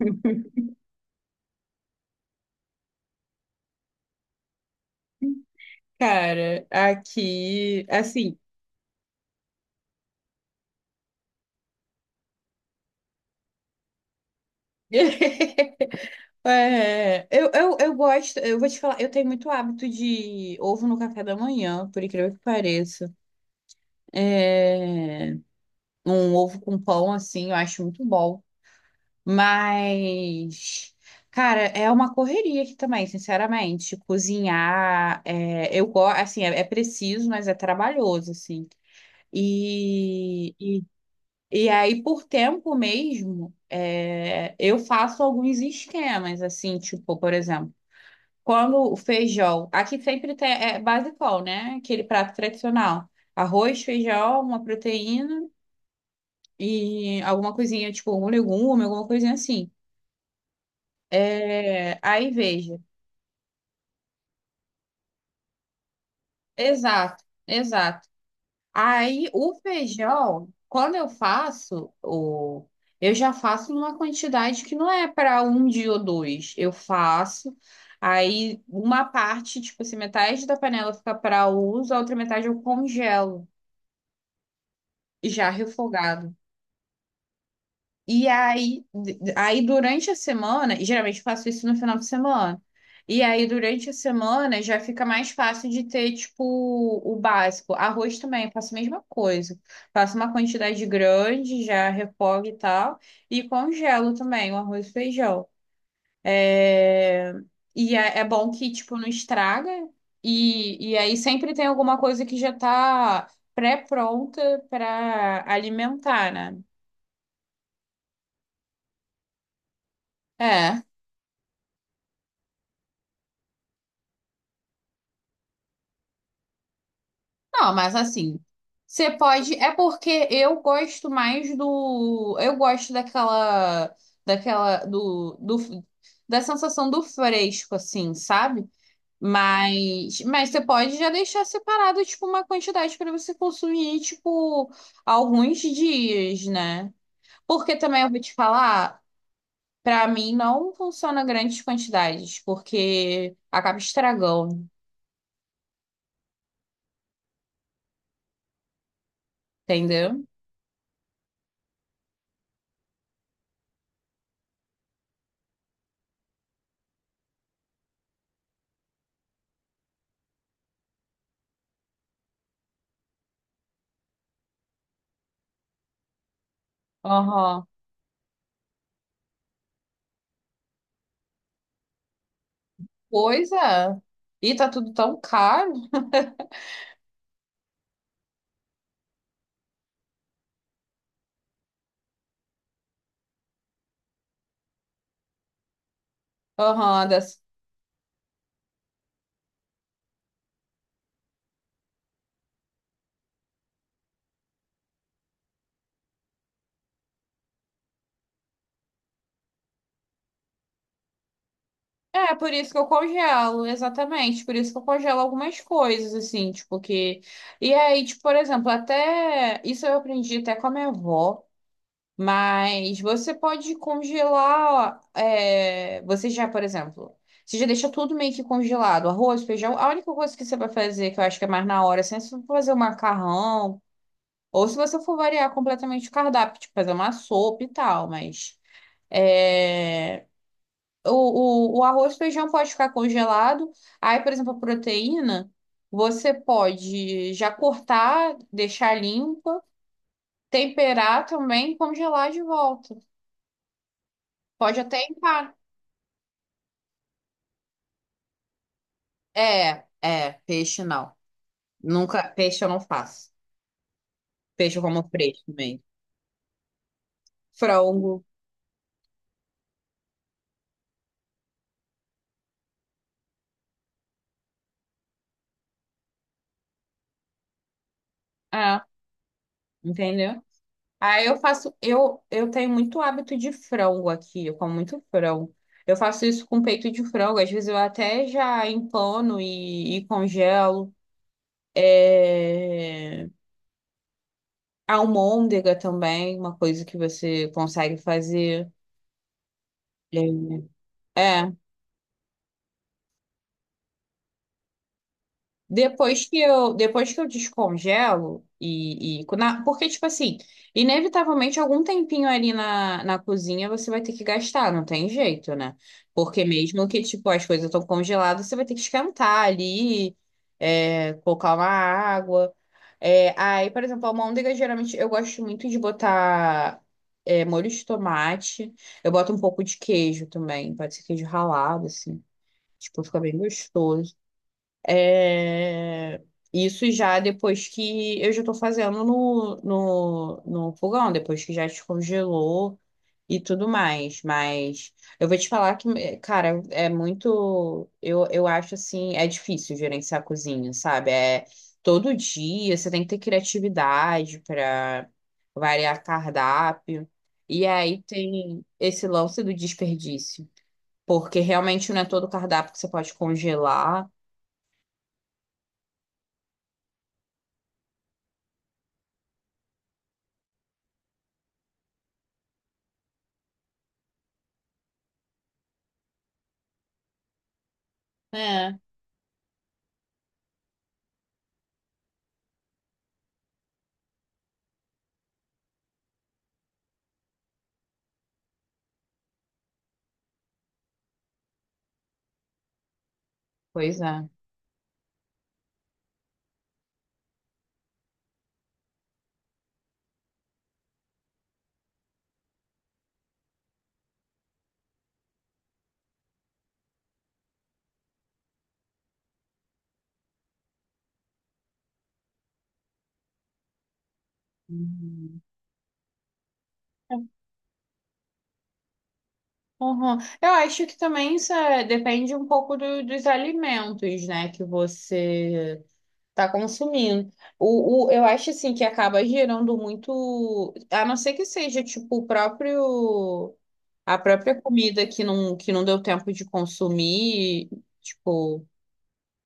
Cara, aqui, assim. Eu gosto, eu vou te falar, eu tenho muito hábito de ovo no café da manhã, por incrível que pareça. É, Um ovo com pão, assim, eu acho muito bom. Mas, cara, é uma correria aqui também, sinceramente. Cozinhar, eu gosto, assim, é preciso, mas é trabalhoso, assim. e E aí, por tempo mesmo, eu faço alguns esquemas, assim, tipo, por exemplo, quando o feijão, aqui sempre tem, é basicão, né? Aquele prato tradicional. Arroz, feijão, uma proteína e alguma coisinha, tipo, um legume, alguma coisinha assim. É, aí, veja. Exato, exato. Aí o feijão, quando eu faço, o... eu já faço numa quantidade que não é para um dia ou dois. Eu faço, aí uma parte, tipo assim, metade da panela fica para uso, a outra metade eu congelo, já refogado. E aí, aí durante a semana, e geralmente eu faço isso no final de semana. E aí, durante a semana, já fica mais fácil de ter, tipo, o básico. Arroz também, eu faço a mesma coisa. Faço uma quantidade grande, já refogo e tal. E congelo também o arroz e feijão. É... E é bom que, tipo, não estraga. E aí sempre tem alguma coisa que já tá pré-pronta para alimentar, né? É. Não, mas assim, você pode. É porque eu gosto mais do. Eu gosto daquela. Daquela. Do da sensação do fresco, assim, sabe? Mas você pode já deixar separado, tipo, uma quantidade para você consumir, tipo, alguns dias, né? Porque também eu vou te falar, para mim não funciona grandes quantidades, porque acaba estragando, entendeu? Aham. Pois é. E tá tudo tão caro. Aham, das... É, por isso que eu congelo, exatamente. Por isso que eu congelo algumas coisas, assim, tipo que... E aí, tipo, por exemplo, até... Isso eu aprendi até com a minha avó. Mas você pode congelar... Você já, por exemplo... Você já deixa tudo meio que congelado. Arroz, feijão... A única coisa que você vai fazer, que eu acho que é mais na hora, assim, é se você for fazer um macarrão... Ou se você for variar completamente o cardápio, tipo, fazer uma sopa e tal, mas... É, o arroz e feijão pode ficar congelado. Aí, por exemplo, a proteína, você pode já cortar, deixar limpa, temperar também, e congelar de volta. Pode até empar. Peixe não. Nunca, peixe eu não faço. Peixe eu como fresco mesmo. Frango. É, entendeu? Aí eu faço, eu tenho muito hábito de frango aqui, eu como muito frango. Eu faço isso com peito de frango, às vezes eu até já empano e congelo. É... Almôndega também, uma coisa que você consegue fazer. É, é. Depois que eu descongelo e porque, tipo assim, inevitavelmente algum tempinho ali na cozinha você vai ter que gastar, não tem jeito, né? Porque mesmo que, tipo, as coisas estão congeladas, você vai ter que esquentar ali, colocar uma água. É, aí, por exemplo, a almôndega, geralmente eu gosto muito de botar, molho de tomate. Eu boto um pouco de queijo também, pode ser queijo ralado, assim. Tipo, fica bem gostoso. É, Isso já depois que eu já estou fazendo no, no fogão, depois que já descongelou e tudo mais. Mas eu vou te falar que, é, cara, é muito. Eu acho assim, é difícil gerenciar a cozinha, sabe? É todo dia, você tem que ter criatividade para variar cardápio. E aí tem esse lance do desperdício, porque realmente não é todo cardápio que você pode congelar. É. Pois é. Uhum. Uhum. Eu acho que também isso é- depende um pouco do- dos alimentos, né, que você está consumindo. Eu acho assim que acaba gerando muito, a não ser que seja tipo o próprio a própria comida que não deu tempo de consumir, tipo,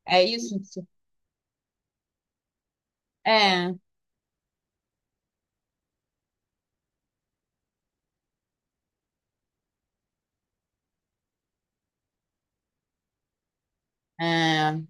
é isso? É, é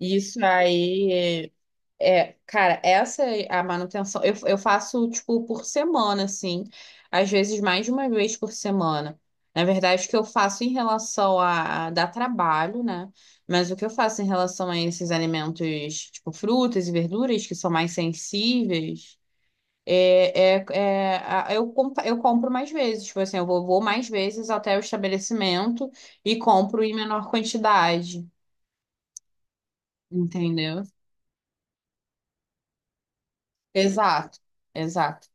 isso aí. É, cara, essa é a manutenção. Eu faço, tipo, por semana, assim. Às vezes mais de uma vez por semana. Na verdade, o que eu faço em relação a dar trabalho, né? Mas o que eu faço em relação a esses alimentos, tipo, frutas e verduras, que são mais sensíveis, eu compro mais vezes. Tipo assim, vou mais vezes até o estabelecimento e compro em menor quantidade, entendeu? Exato, exato,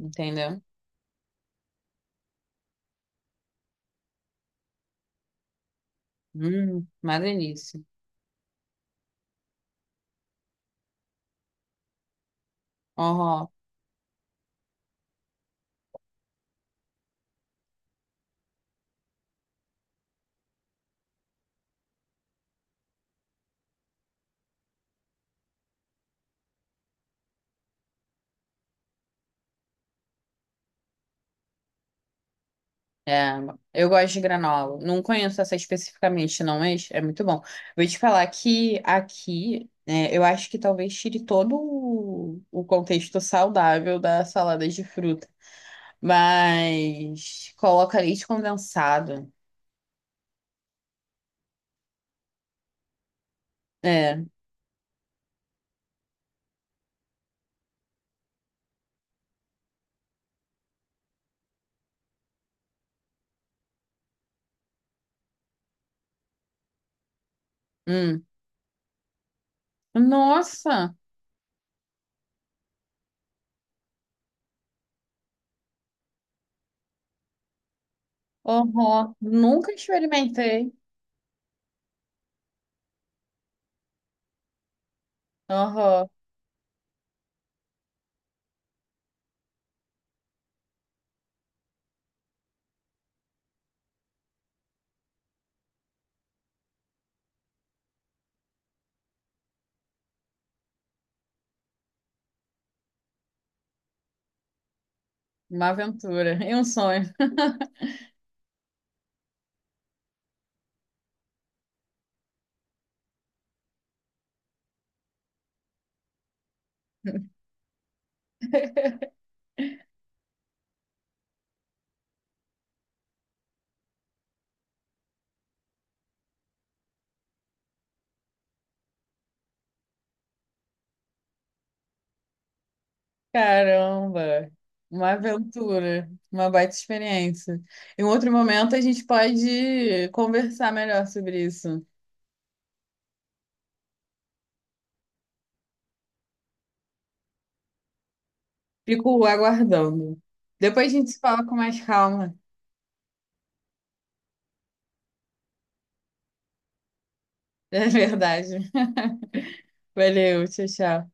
entendeu? Uma delícia. Uhum. É, eu gosto de granola. Não conheço essa especificamente, não, mas é muito bom. Vou te falar que aqui, né, eu acho que talvez tire todo o contexto saudável da salada de fruta. Mas coloca leite condensado. É. Hum. Nossa! Uhum. Nunca experimentei. Uhum. Uma aventura e um sonho. Caramba, uma aventura, uma baita experiência. Em outro momento a gente pode conversar melhor sobre isso. Fico aguardando. Depois a gente se fala com mais calma. É verdade. Valeu, tchau, tchau.